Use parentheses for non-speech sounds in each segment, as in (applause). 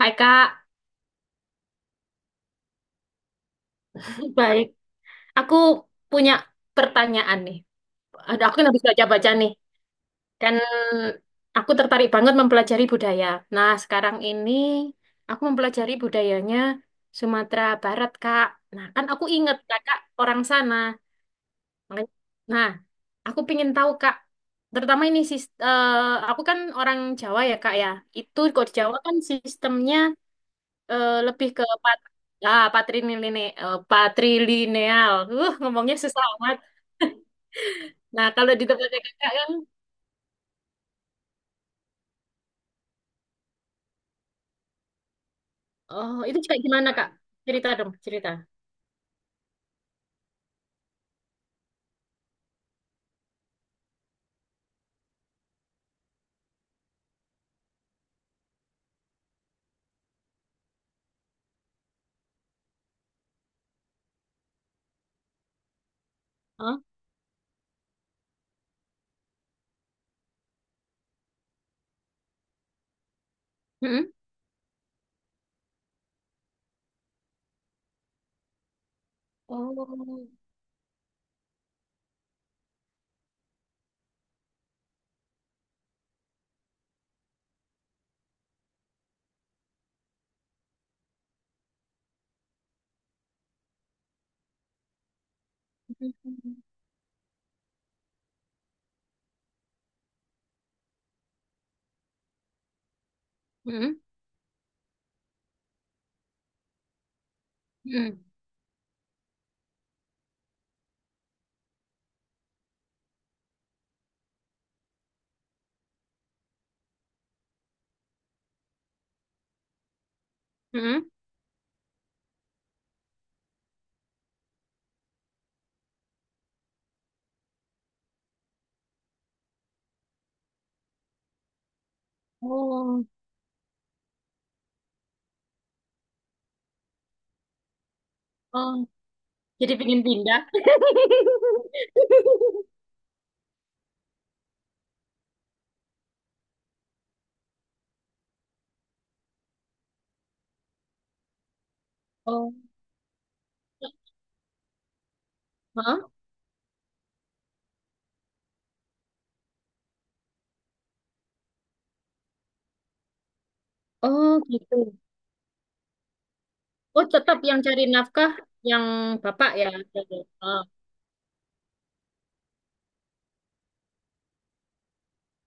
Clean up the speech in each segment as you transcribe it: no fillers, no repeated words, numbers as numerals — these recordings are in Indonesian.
Hai Kak, baik. Aku punya pertanyaan nih. Ada aku yang habis baca-baca nih. Kan aku tertarik banget mempelajari budaya. Nah, sekarang ini aku mempelajari budayanya Sumatera Barat, Kak. Nah, kan aku inget Kakak orang sana. Makanya- Nah, aku pingin tahu Kak, terutama ini aku kan orang Jawa ya Kak ya. Itu kok di Jawa kan sistemnya lebih ke patrilineal, eh, patrilineal. Ngomongnya susah amat. Nah, kalau di tempatnya kakak kan, oh itu kayak gimana kak? Cerita dong, cerita. Hah? Mm-mm. Oh. Mm-mm. Mm-mm. Mm-mm. Oh. Oh. Jadi pengen pindah. (laughs) Oh. Hah? Oh gitu. Oh tetap yang cari nafkah yang bapak ya. Oh.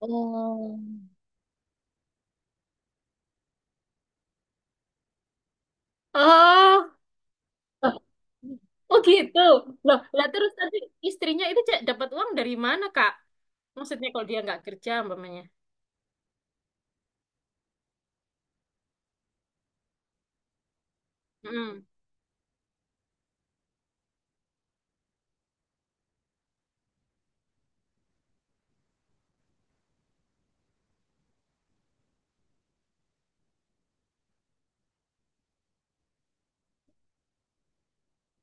Oh. Oh. Loh, oh gitu. Loh, lah terus tadi istrinya itu Cak, dapat uang dari mana, Kak? Maksudnya kalau dia nggak kerja, umpamanya. Hmm.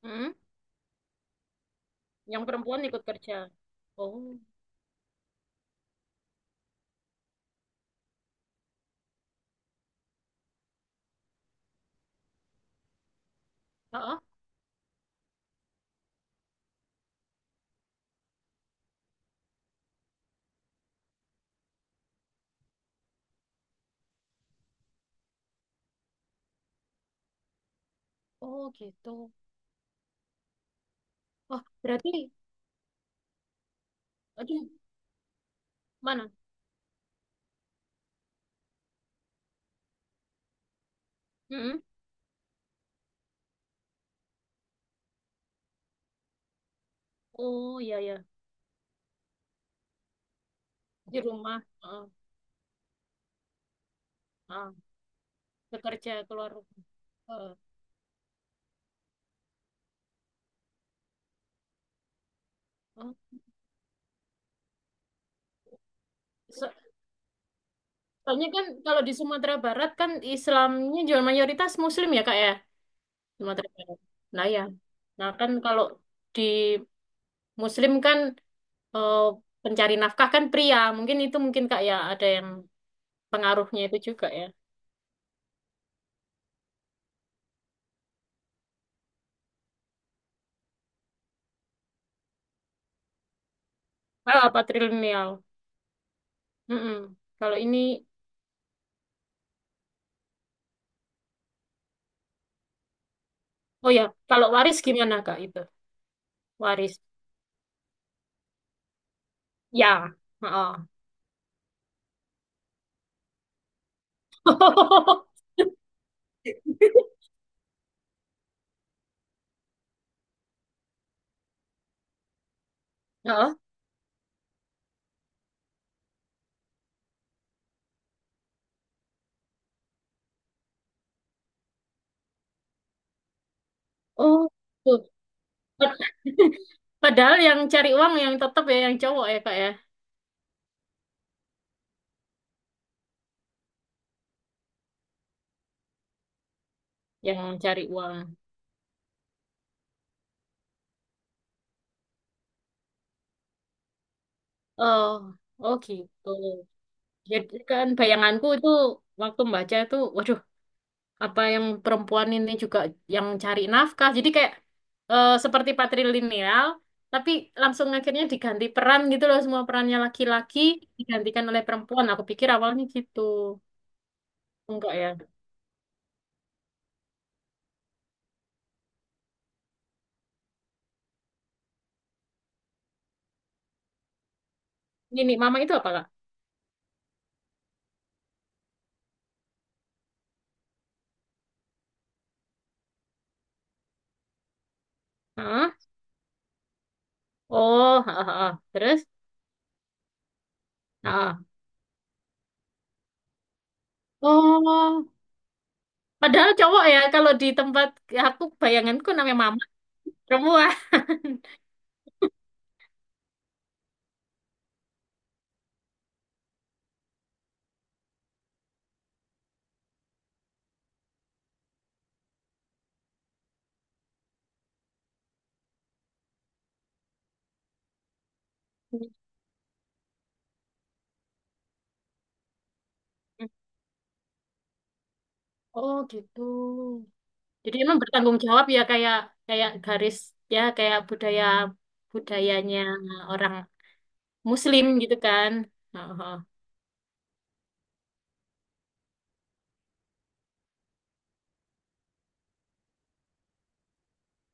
Hmm. Yang perempuan ikut kerja. Oh, ah, ah. Oh gitu. Wah, berarti, aduh, mana? Hmm. Oh iya ya, di rumah. Heeh. Ah, bekerja keluar rumah. Heeh. Oh. So- Soalnya kan kalau di Sumatera Barat kan Islamnya juga mayoritas Muslim ya, Kak ya, Sumatera Barat. Nah ya, nah kan kalau di Muslim kan eh, pencari nafkah kan pria. Mungkin itu mungkin Kak ya ada yang pengaruhnya itu juga ya. Ah, patrilineal. Mm-mm. Kalau ini, oh ya, kalau waris gimana Kak itu? Waris. Ya. Heeh. (laughs) Heeh. Oh, tuh. Pad- Padahal yang cari uang yang tetap ya yang cowok ya Kak ya, yang cari uang. Oh, oh gitu. Jadi kan bayanganku itu waktu membaca itu, waduh, apa yang perempuan ini juga yang cari nafkah. Jadi kayak seperti patrilineal, tapi langsung akhirnya diganti peran gitu loh semua perannya laki-laki digantikan oleh perempuan. Aku pikir awalnya gitu. Enggak ya. Ini nih, mama itu apa, Kak? Hah? Oh, ha, ha, ha. Terus? Ha. Oh, padahal cowok ya kalau di tempat aku bayanganku namanya mama perempuan. (laughs) Oh, gitu. Jadi emang bertanggung jawab ya kayak kayak garis ya kayak budayanya orang Muslim gitu kan. Oh, oh.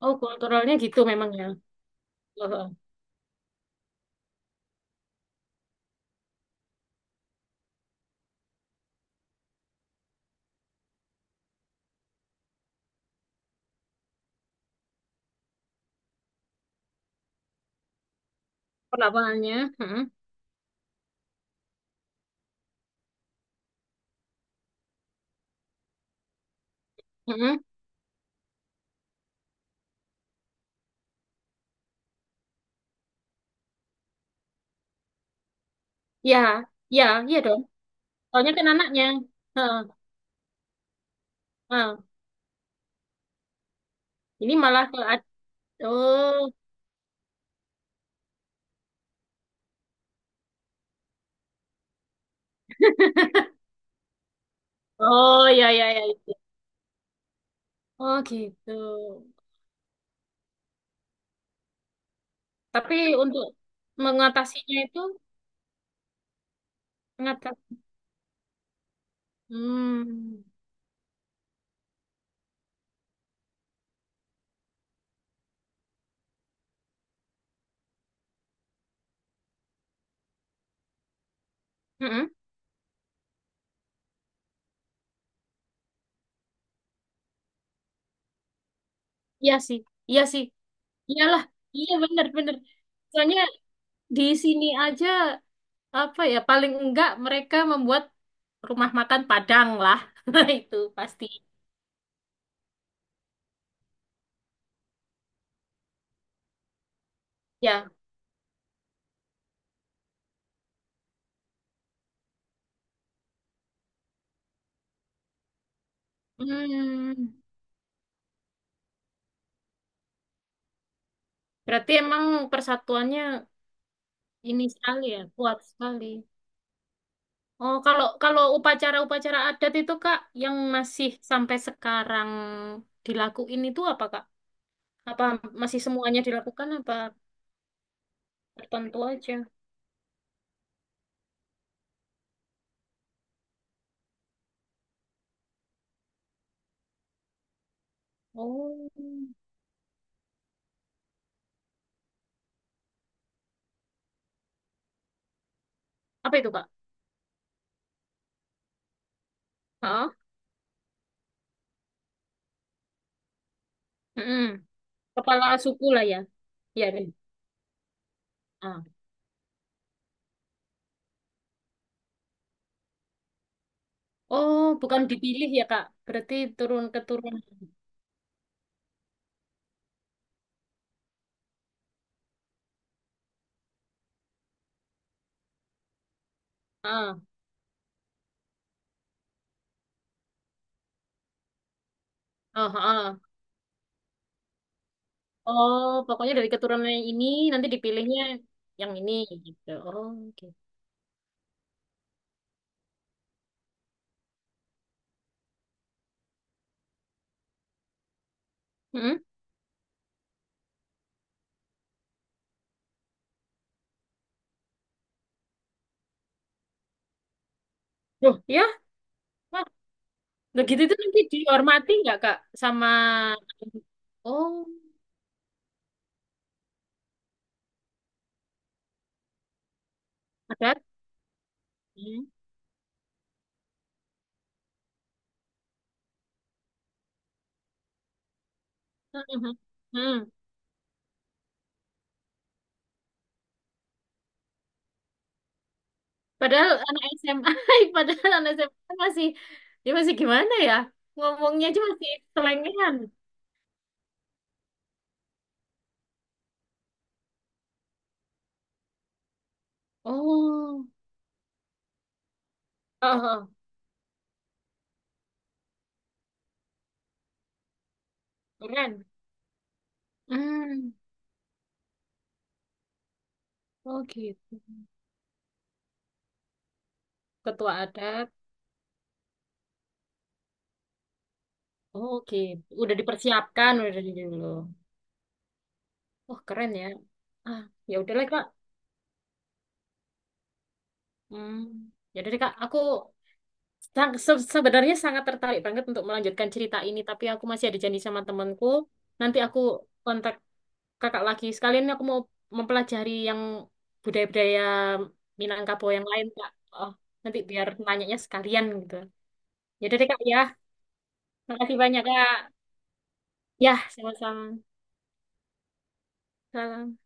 Oh, kulturalnya gitu memang ya. Oh, oh. Perlakuannya. Heeh, heeh. Ya, ya, iya dong. Soalnya kan anaknya. Heeh, heeh. Ini malah ke oh, oh ya ya ya. Itu. Oh gitu. Tapi untuk mengatasinya itu mengatasi. Hmm. Heeh. Iya sih, iya sih. Iyalah, iya benar-benar. Soalnya di sini aja apa ya paling enggak mereka membuat rumah makan Padang lah. (laughs) Itu pasti. Ya. Hmm, berarti emang persatuannya ini sekali ya, kuat sekali. Oh, kalau kalau upacara-upacara adat itu Kak yang masih sampai sekarang dilakuin itu apa Kak? Apa masih semuanya dilakukan apa tertentu aja? Oh. Apa itu Kak? Heeh. Kepala suku lah ya. Ya, Ren. Ah. Oh, bukan dipilih ya, Kak. Berarti turun keturunan. Ah. Ah, ah. Oh, pokoknya dari keturunan yang ini nanti dipilihnya yang ini gitu. Oh, oke. Hmm? Loh, ya? Wah, loh gitu itu nanti dihormati nggak, Kak? Sama oh, adat. Hmm. Hmm. Hmm. Hmm. Padahal anak SMA, (laughs) padahal anak SMA masih dia masih gimana ya? Ngomongnya aja masih selengean. Oh. Oh, oh, keren. Hmm, oh gitu. Ketua adat. Oh, oke. Udah dipersiapkan udah dari dulu. Oh, keren ya. Ah, ya udahlah Kak. Hmm, ya udah deh Kak, aku sebenarnya sangat tertarik banget untuk melanjutkan cerita ini, tapi aku masih ada janji sama temanku. Nanti aku kontak Kakak lagi. Sekalian aku mau mempelajari yang budaya-budaya Minangkabau yang lain, Kak. Oh, nanti biar nanyanya sekalian gitu. Ya udah deh Kak ya. Makasih banyak Kak. Ya, sama-sama. Salam.